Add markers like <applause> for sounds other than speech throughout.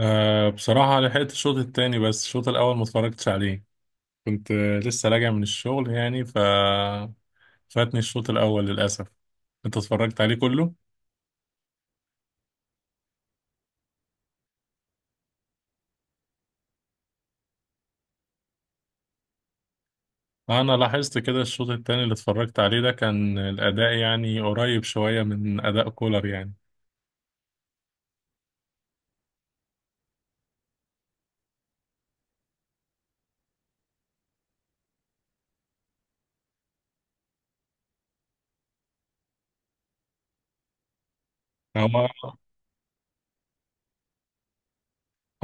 أه، بصراحة لحقت الشوط التاني، بس الشوط الأول ما اتفرجتش عليه. كنت لسه راجع من الشغل، يعني فاتني الشوط الأول للأسف. أنت اتفرجت عليه كله؟ أنا لاحظت كده الشوط التاني اللي اتفرجت عليه ده، كان الأداء يعني قريب شوية من أداء كولر يعني. هو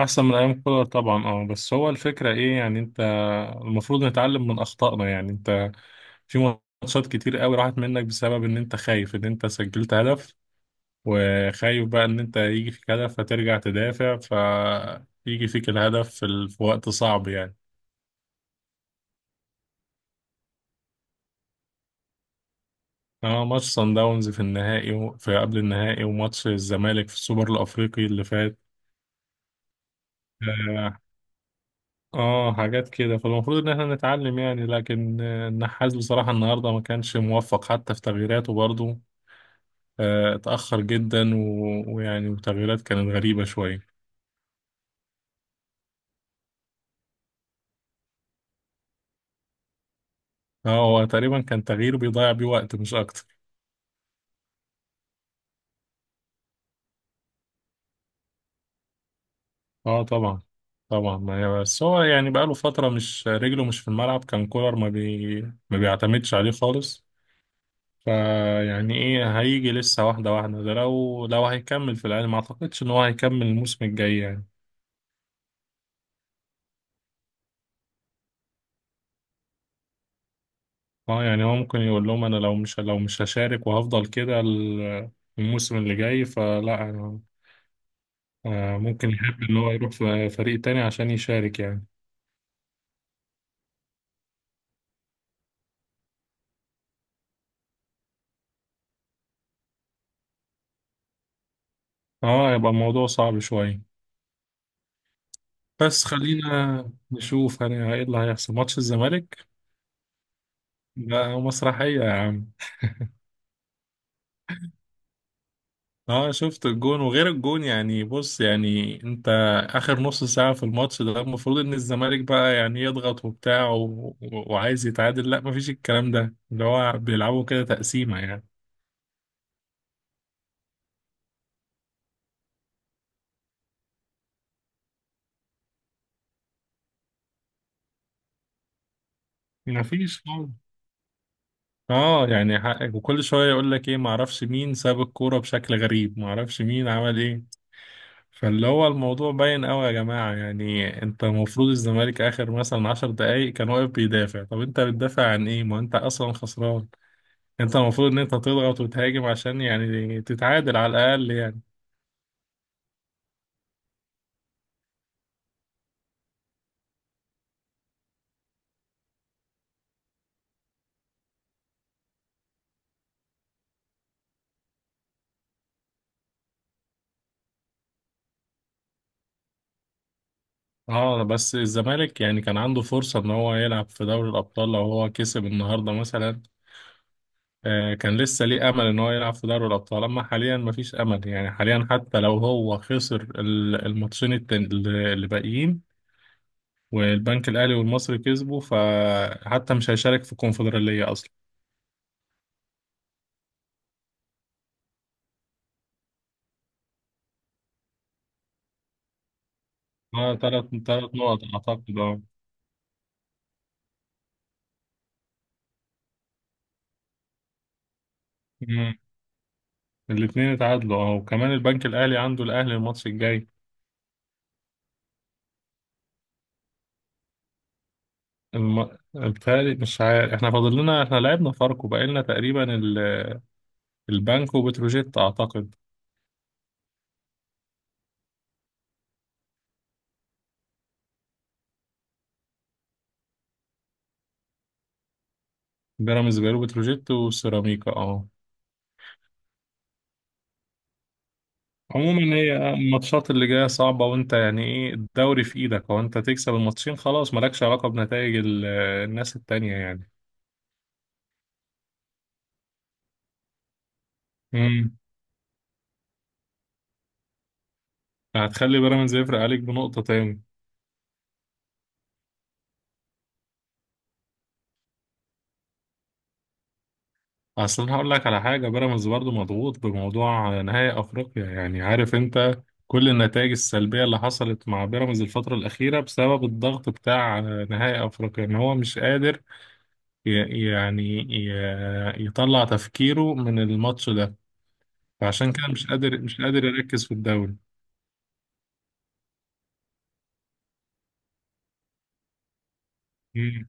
أحسن من أيام كولر طبعا، أه، بس هو الفكرة إيه يعني؟ أنت المفروض نتعلم من أخطائنا يعني. أنت في ماتشات كتير قوي راحت منك بسبب ان انت خايف ان انت سجلت هدف، وخايف بقى ان انت يجي فيك هدف فترجع تدافع، فيجي فيك الهدف في وقت صعب يعني. اه، ماتش صن داونز في النهائي في قبل النهائي، وماتش الزمالك في السوبر الافريقي اللي فات. اه، حاجات كده، فالمفروض ان احنا نتعلم يعني، لكن النحاس بصراحة النهاردة ما كانش موفق حتى في تغييراته برضه. اتأخر جدا ويعني وتغييرات كانت غريبة شوية. اه، هو تقريبا كان تغيير بيضيع بيه وقت مش اكتر. اه طبعا. طبعا، ما هي بس هو يعني بقاله فترة مش رجله مش في الملعب، كان كولر ما بيعتمدش عليه خالص. فيعني ايه، هيجي لسه واحدة واحدة. ده لو هيكمل في الأهلي، ما اعتقدش ان هو هيكمل الموسم الجاي يعني. اه يعني، هو ممكن يقول لهم انا لو مش هشارك وهفضل كده، الموسم اللي جاي، فلا أنا ممكن يحب ان هو يروح في فريق تاني عشان يشارك يعني. اه، يبقى الموضوع صعب شوية. بس خلينا نشوف ايه اللي هيحصل ماتش الزمالك. لا، هو مسرحية يا عم. اه شفت الجون، وغير الجون يعني، بص يعني انت اخر نص ساعة في الماتش ده، المفروض ان الزمالك بقى يعني يضغط وبتاع وعايز يتعادل. لا، مفيش الكلام ده، اللي هو بيلعبوا كده تقسيمة يعني. مفيش خالص. اه يعني، حقك. وكل شوية يقول لك ايه، معرفش مين ساب الكورة بشكل غريب، معرفش مين عمل ايه. فاللي هو الموضوع باين قوي يا جماعة، يعني انت المفروض الزمالك اخر مثلا 10 دقايق كان واقف بيدافع. طب انت بتدافع عن ايه، ما انت اصلا خسران. انت المفروض ان انت تضغط وتهاجم عشان يعني تتعادل على الاقل يعني. اه، بس الزمالك يعني كان عنده فرصة ان هو يلعب في دوري الابطال لو هو كسب النهاردة مثلا. آه، كان لسه ليه امل ان هو يلعب في دوري الابطال. اما حاليا مفيش امل يعني، حاليا حتى لو هو خسر اللي باقيين، والبنك الاهلي والمصري كسبوا، فحتى مش هيشارك في الكونفدرالية اصلا. اه، تلات نقط اعتقد، اه. مم. الاتنين اتعادلوا، اه. وكمان البنك الاهلي عنده الاهلي الماتش الجاي. بتهيألي مش عارف، احنا فاضل لنا، احنا لعبنا فاركو، بقى لنا تقريبا البنك وبتروجيت اعتقد. بيراميدز، بيراميدز وبتروجيت وسيراميكا، اه. عموما هي الماتشات اللي جايه صعبه، وانت يعني ايه، الدوري في ايدك، وانت تكسب الماتشين خلاص، مالكش علاقه بنتائج الناس التانية يعني. امم. هتخلي بيراميدز يفرق عليك بنقطه تاني. اصل انا هقول لك على حاجه، بيراميدز برضو مضغوط بموضوع نهائي افريقيا. يعني عارف انت كل النتائج السلبيه اللي حصلت مع بيراميدز الفتره الاخيره بسبب الضغط بتاع نهائي افريقيا، ان هو مش قادر يعني يطلع تفكيره من الماتش ده. فعشان كده مش قادر يركز في الدوري. مم.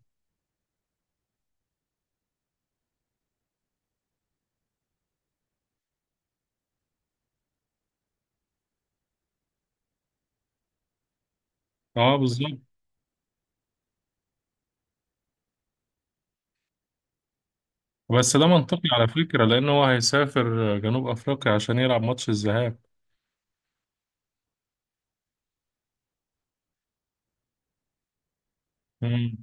اه بالظبط. بس ده منطقي على فكره، لان هو هيسافر جنوب افريقيا عشان يلعب ماتش الذهاب. مم.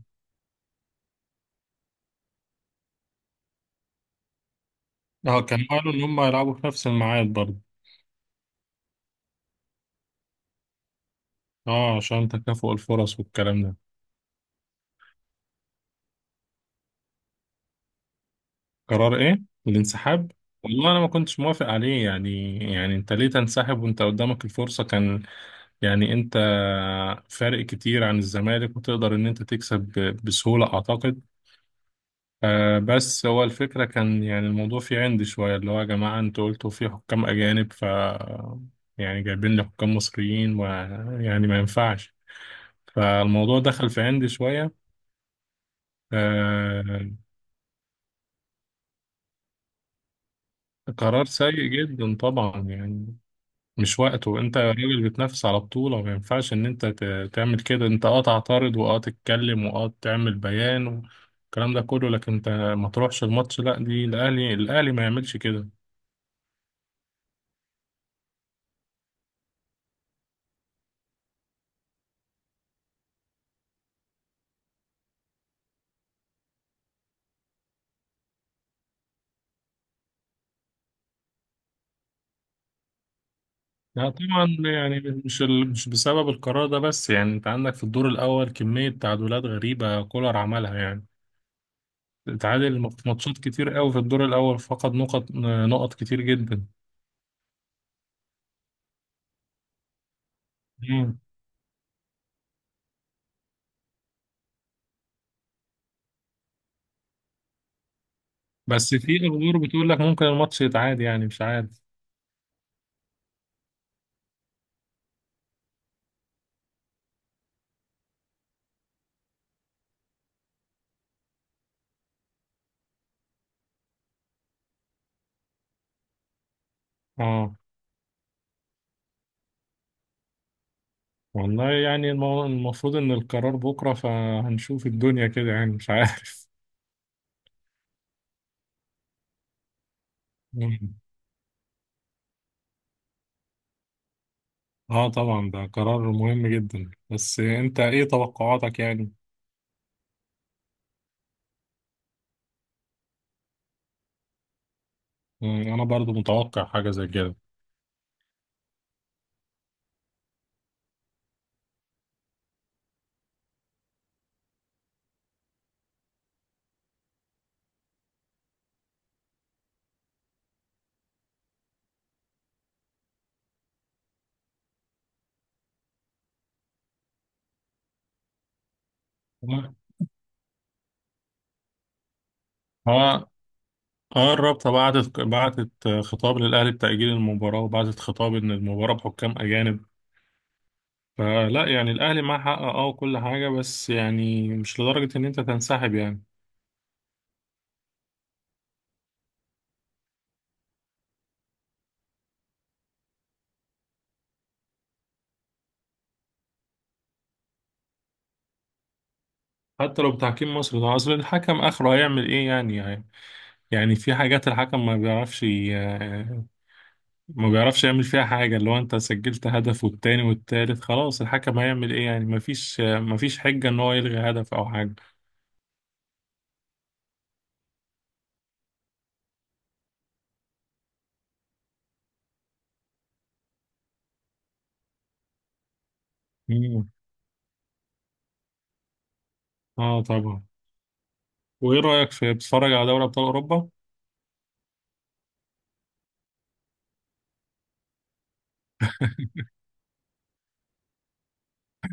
اه، كانوا قالوا ان هم هيلعبوا في نفس الميعاد برضه. اه، عشان تكافؤ الفرص والكلام ده. قرار ايه؟ الانسحاب. والله انا ما كنتش موافق عليه يعني. يعني انت ليه تنسحب وانت قدامك الفرصة؟ كان يعني انت فارق كتير عن الزمالك، وتقدر ان انت تكسب بسهولة اعتقد. آه، بس هو الفكرة كان يعني الموضوع فيه عند شوية، اللي هو يا جماعة انتوا قلتوا في حكام اجانب، يعني جايبين لي حكام مصريين، ويعني ما ينفعش. فالموضوع دخل في عندي شوية. آه، قرار سيء جدا طبعا يعني. مش وقته، انت راجل بتنافس على بطولة، ما ينفعش ان انت تعمل كده. انت اه تعترض، واه تتكلم، واه تعمل بيان، والكلام ده كله، لكن انت ما تروحش الماتش، لا. دي الاهلي، الاهلي ما يعملش كده. لا طبعا يعني. مش مش بسبب القرار ده بس، يعني انت عندك في الدور الاول كمية تعادلات غريبة كولر عملها يعني. اتعادل في ماتشات كتير قوي في الدور الاول، فقد نقط، نقط كتير جدا. بس في اخبار بتقول لك ممكن الماتش يتعاد، يعني مش عارف. اه، والله يعني المفروض ان القرار بكره، فهنشوف الدنيا كده، يعني مش عارف. <laughs> مم. اه طبعا، ده قرار مهم جدا، بس انت ايه توقعاتك يعني؟ مم، انا برضو متوقع حاجه زي كده. اه. اه. آه، الرابطه بعتت خطاب للاهلي بتاجيل المباراه، وبعتت خطاب ان المباراه بحكام اجانب. فلا يعني الاهلي معاه حق، اه، وكل حاجه، بس يعني مش لدرجه ان انت تنسحب يعني. حتى لو بتحكيم مصري، ده اصل الحكم اخره هيعمل ايه يعني؟ يعني، يعني في حاجات الحكم ما بيعرفش يعمل فيها حاجة. اللي هو انت سجلت هدف والتاني والتالت، خلاص الحكم هيعمل ايه يعني؟ ما فيش حجة ان هو يلغي هدف او حاجة. مم. اه طبعا. وايه رأيك في، بتتفرج على دوري ابطال اوروبا؟ <laughs>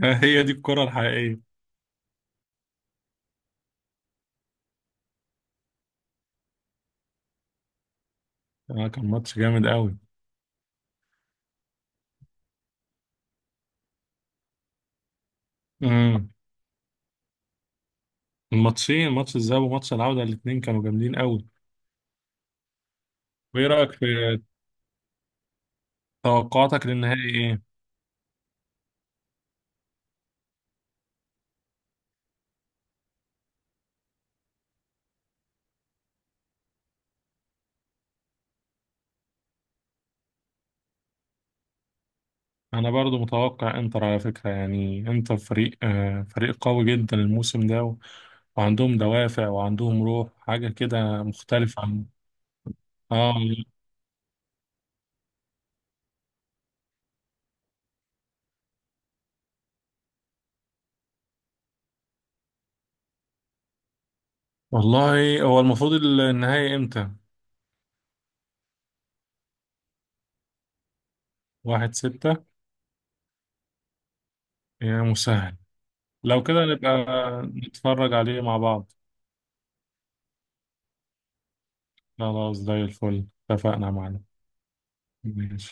هي دي الكرة الحقيقية. آه كان ماتش جامد قوي. امم. الماتشين، ماتش الذهاب وماتش العودة، الاتنين كانوا جامدين قوي. وايه رأيك في توقعاتك للنهائي ايه؟ انا برضو متوقع انتر على فكرة يعني. انتر فريق، فريق قوي جدا الموسم ده، وعندهم دوافع، وعندهم روح، حاجة كده مختلفة عن. اه والله. هو المفروض النهائي امتى؟ 1/6. يا مسهل. لو كده نبقى نتفرج عليه مع بعض. خلاص، زي الفل، اتفقنا معنا. ماشي.